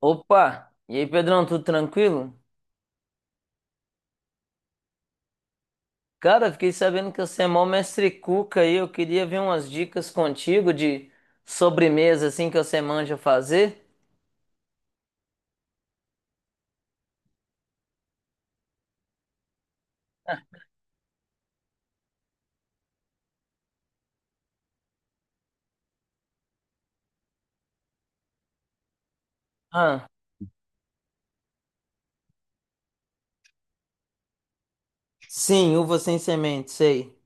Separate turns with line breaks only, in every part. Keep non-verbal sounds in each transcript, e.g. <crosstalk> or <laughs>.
Opa! E aí, Pedrão, tudo tranquilo? Cara, fiquei sabendo que você é mó mestre cuca aí. Eu queria ver umas dicas contigo de sobremesa assim que você manja fazer. Ah, sim, uva sem semente, sei.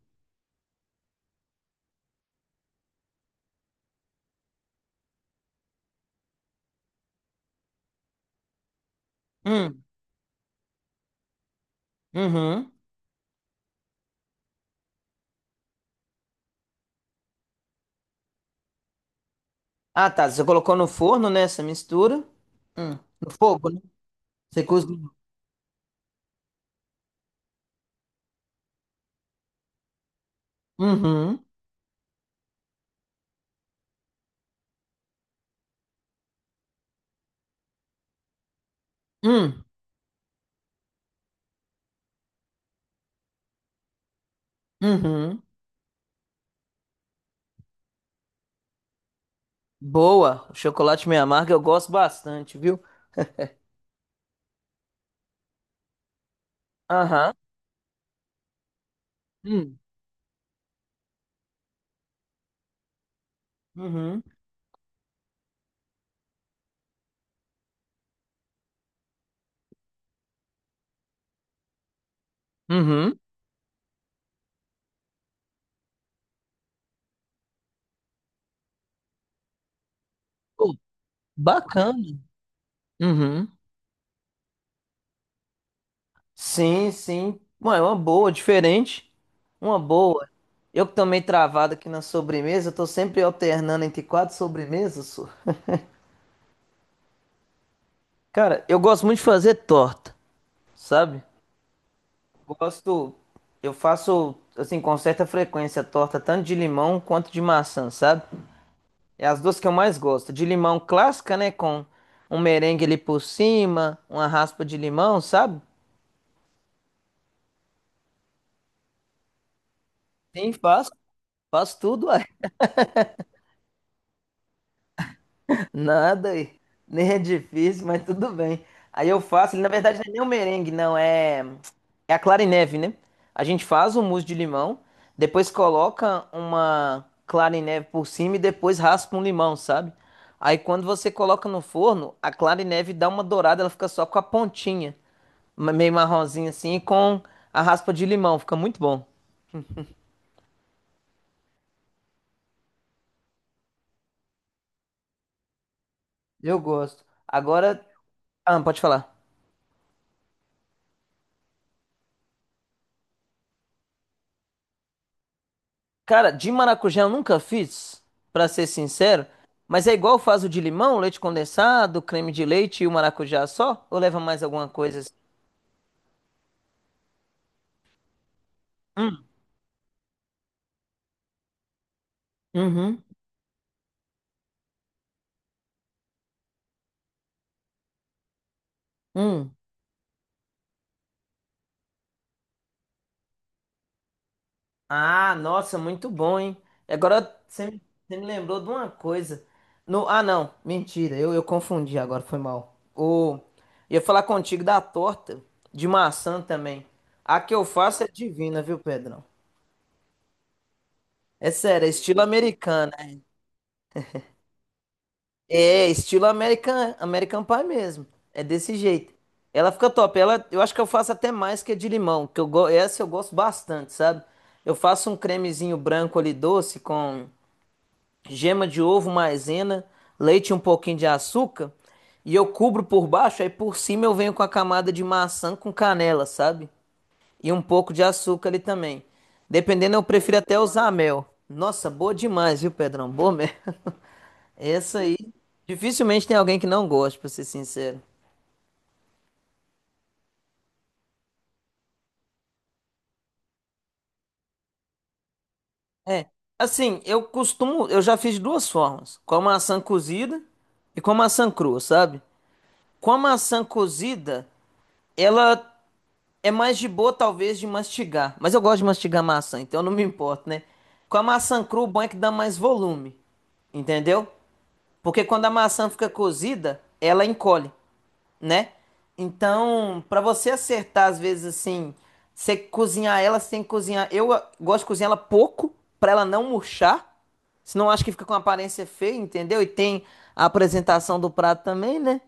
Hum, uhum. Ah, tá. Você colocou no forno, né, essa mistura? Hum, no fogo, né? Você cozinhou. Uhum. Hum, uhum. Boa. O chocolate meio amargo eu gosto bastante, viu? Aham. Hum, uhum. Uhum. Pô, bacana. Uhum. Sim, sim. Mano, é uma boa, diferente. Uma boa. Eu que também travado aqui na sobremesa, eu tô sempre alternando entre quatro sobremesas. Só. Cara, eu gosto muito de fazer torta, sabe? Gosto, eu faço assim com certa frequência torta tanto de limão quanto de maçã, sabe? É as duas que eu mais gosto. De limão clássica, né, com um merengue ali por cima, uma raspa de limão, sabe? Sim, faço, faço tudo, uai. Nada, e nem é difícil, mas tudo bem. Aí eu faço, ele, na verdade não é nem o merengue, não, é, é a clara em neve, né? A gente faz o mousse de limão, depois coloca uma clara em neve por cima e depois raspa um limão, sabe? Aí quando você coloca no forno, a clara em neve dá uma dourada, ela fica só com a pontinha, ma- meio marronzinha assim, e com a raspa de limão, fica muito bom. Eu gosto. Agora, ah, pode falar. Cara, de maracujá eu nunca fiz, pra ser sincero, mas é igual faz o de limão, leite condensado, creme de leite e o maracujá só? Ou leva mais alguma coisa assim? Hum. Uhum. Hum. Ah, nossa, muito bom, hein? E agora você me lembrou de uma coisa. No, ah, não, mentira, eu confundi agora, foi mal. O, ia falar contigo da torta de maçã também. A que eu faço é divina, viu, Pedrão? É sério, é estilo americano. É, estilo American, American Pie mesmo. É desse jeito. Ela fica top. Ela, eu acho que eu faço até mais que a de limão, que eu go- essa eu gosto bastante, sabe? Eu faço um cremezinho branco ali doce com gema de ovo, maisena, leite e um pouquinho de açúcar e eu cubro por baixo, aí por cima eu venho com a camada de maçã com canela, sabe? E um pouco de açúcar ali também. Dependendo, eu prefiro até usar mel. Nossa, boa demais, viu, Pedrão? Boa mesmo. <laughs> Essa aí, dificilmente tem alguém que não goste, pra ser sincero. É, assim, eu costumo, eu já fiz de duas formas, com a maçã cozida e com a maçã crua, sabe? Com a maçã cozida, ela é mais de boa, talvez, de mastigar, mas eu gosto de mastigar maçã, então eu não me importo, né? Com a maçã crua, o bom é que dá mais volume, entendeu? Porque quando a maçã fica cozida, ela encolhe. Né? Então, para você acertar, às vezes, assim, você cozinhar ela, você tem que cozinhar. Eu gosto de cozinhar ela pouco, para ela não murchar. Senão acho que fica com uma aparência feia, entendeu? E tem a apresentação do prato também, né?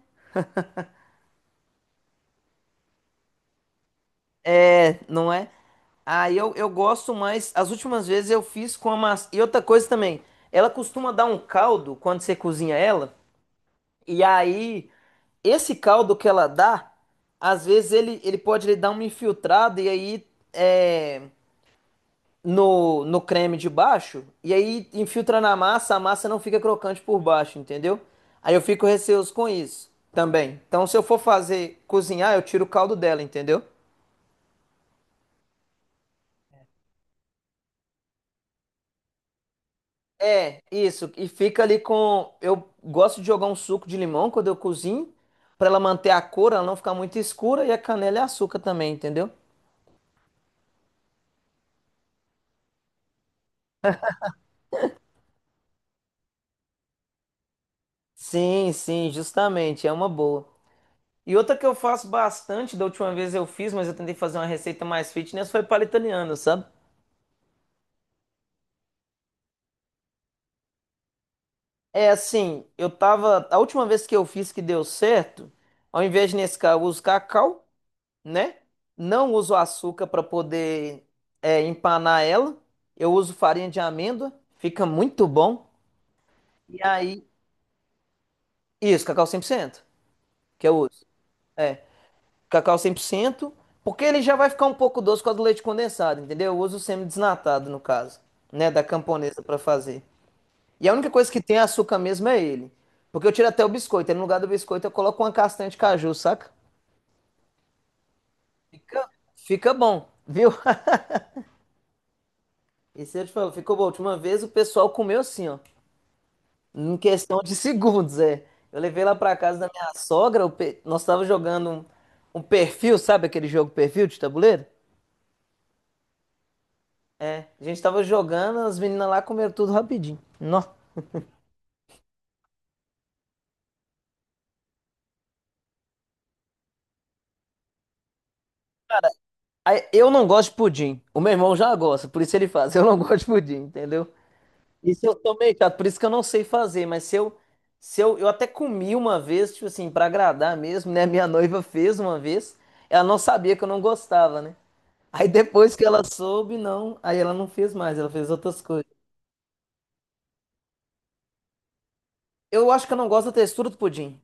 É, não é? Aí eu gosto mais. As últimas vezes eu fiz com a massa. E outra coisa também, ela costuma dar um caldo quando você cozinha ela. E aí, esse caldo que ela dá, às vezes ele pode lhe dar uma infiltrada e aí é, no creme de baixo, e aí infiltra na massa, a massa não fica crocante por baixo, entendeu? Aí eu fico receoso com isso também. Então, se eu for fazer cozinhar, eu tiro o caldo dela, entendeu? É, isso. E fica ali com. Eu gosto de jogar um suco de limão quando eu cozinho, pra ela manter a cor, ela não ficar muito escura, e a canela e açúcar também, entendeu? Sim, sim, justamente, é uma boa. E outra que eu faço bastante, da última vez eu fiz, mas eu tentei fazer uma receita mais fitness, foi palha italiana, sabe? É assim, eu tava. A última vez que eu fiz que deu certo, ao invés de Nescau, eu uso cacau, né? Não uso açúcar para poder empanar ela. Eu uso farinha de amêndoa, fica muito bom. E aí, isso, cacau 100% que eu uso. É. Cacau 100%, porque ele já vai ficar um pouco doce com a do leite condensado, entendeu? Eu uso o semi-desnatado, no caso, né, da camponesa para fazer. E a única coisa que tem é açúcar mesmo é ele. Porque eu tiro até o biscoito, aí no lugar do biscoito eu coloco uma castanha de caju, saca? Fica, fica bom, viu? <laughs> E se eu te falo, ficou bom. A última vez o pessoal comeu assim, ó, em questão de segundos, é. Eu levei lá para casa da minha sogra, o pe- nós tava jogando um, um perfil, sabe aquele jogo perfil de tabuleiro? A gente tava jogando, as meninas lá comeram tudo rapidinho. Nó. Aí, eu não gosto de pudim. O meu irmão já gosta, por isso ele faz. Eu não <laughs> gosto de pudim, entendeu? Isso eu sou meio chato, por isso que eu não sei fazer. Mas se eu, se eu, eu até comi uma vez, tipo assim, pra agradar mesmo, né? Minha noiva fez uma vez. Ela não sabia que eu não gostava, né? Aí depois que ela soube, não. Aí ela não fez mais, ela fez outras coisas. Eu acho que eu não gosto da textura do pudim.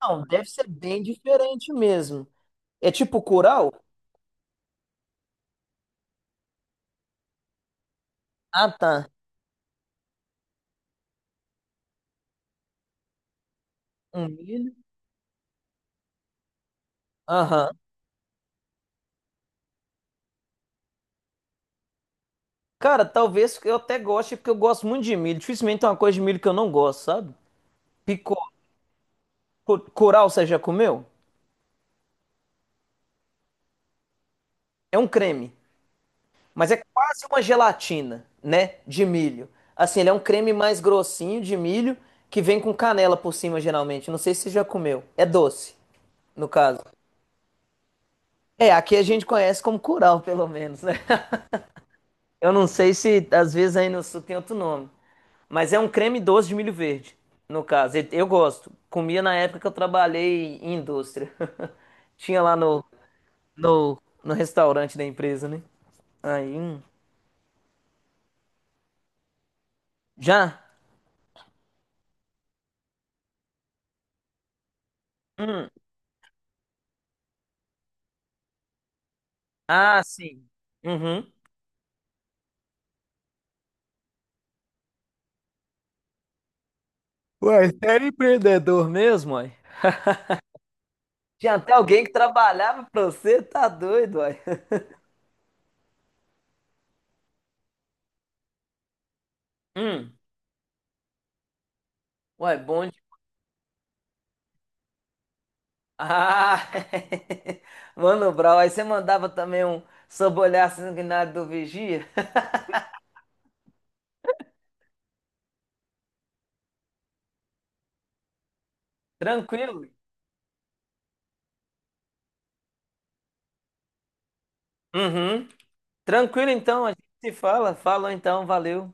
Não, deve ser bem diferente mesmo. É tipo curau? Ah, tá. Um milho. Aham. Cara, talvez eu até goste, porque eu gosto muito de milho. Dificilmente tem uma coisa de milho que eu não gosto, sabe? Picô, cu- curau, você já comeu? É um creme, mas é quase uma gelatina, né? De milho. Assim, ele é um creme mais grossinho de milho que vem com canela por cima, geralmente. Não sei se você já comeu. É doce, no caso. É, aqui a gente conhece como curau, <laughs> pelo menos, né? <laughs> Eu não sei se às vezes aí no sul tem outro nome. Mas é um creme doce de milho verde, no caso. E- eu gosto. Comia na época que eu trabalhei em indústria. <laughs> Tinha lá no, no restaurante da empresa, né? Aí. Já? Hum. Ah, sim. Uhum. Ué, você era empreendedor mesmo, ué? Tinha até alguém que trabalhava pra você, tá doido, uai. Hum. Uai, bom de... Ah! <laughs> Mano Brown, aí você mandava também um sob o olhar sanguinário do vigia? Tranquilo. Uhum. Tranquilo então, a gente se fala. Falou então, valeu.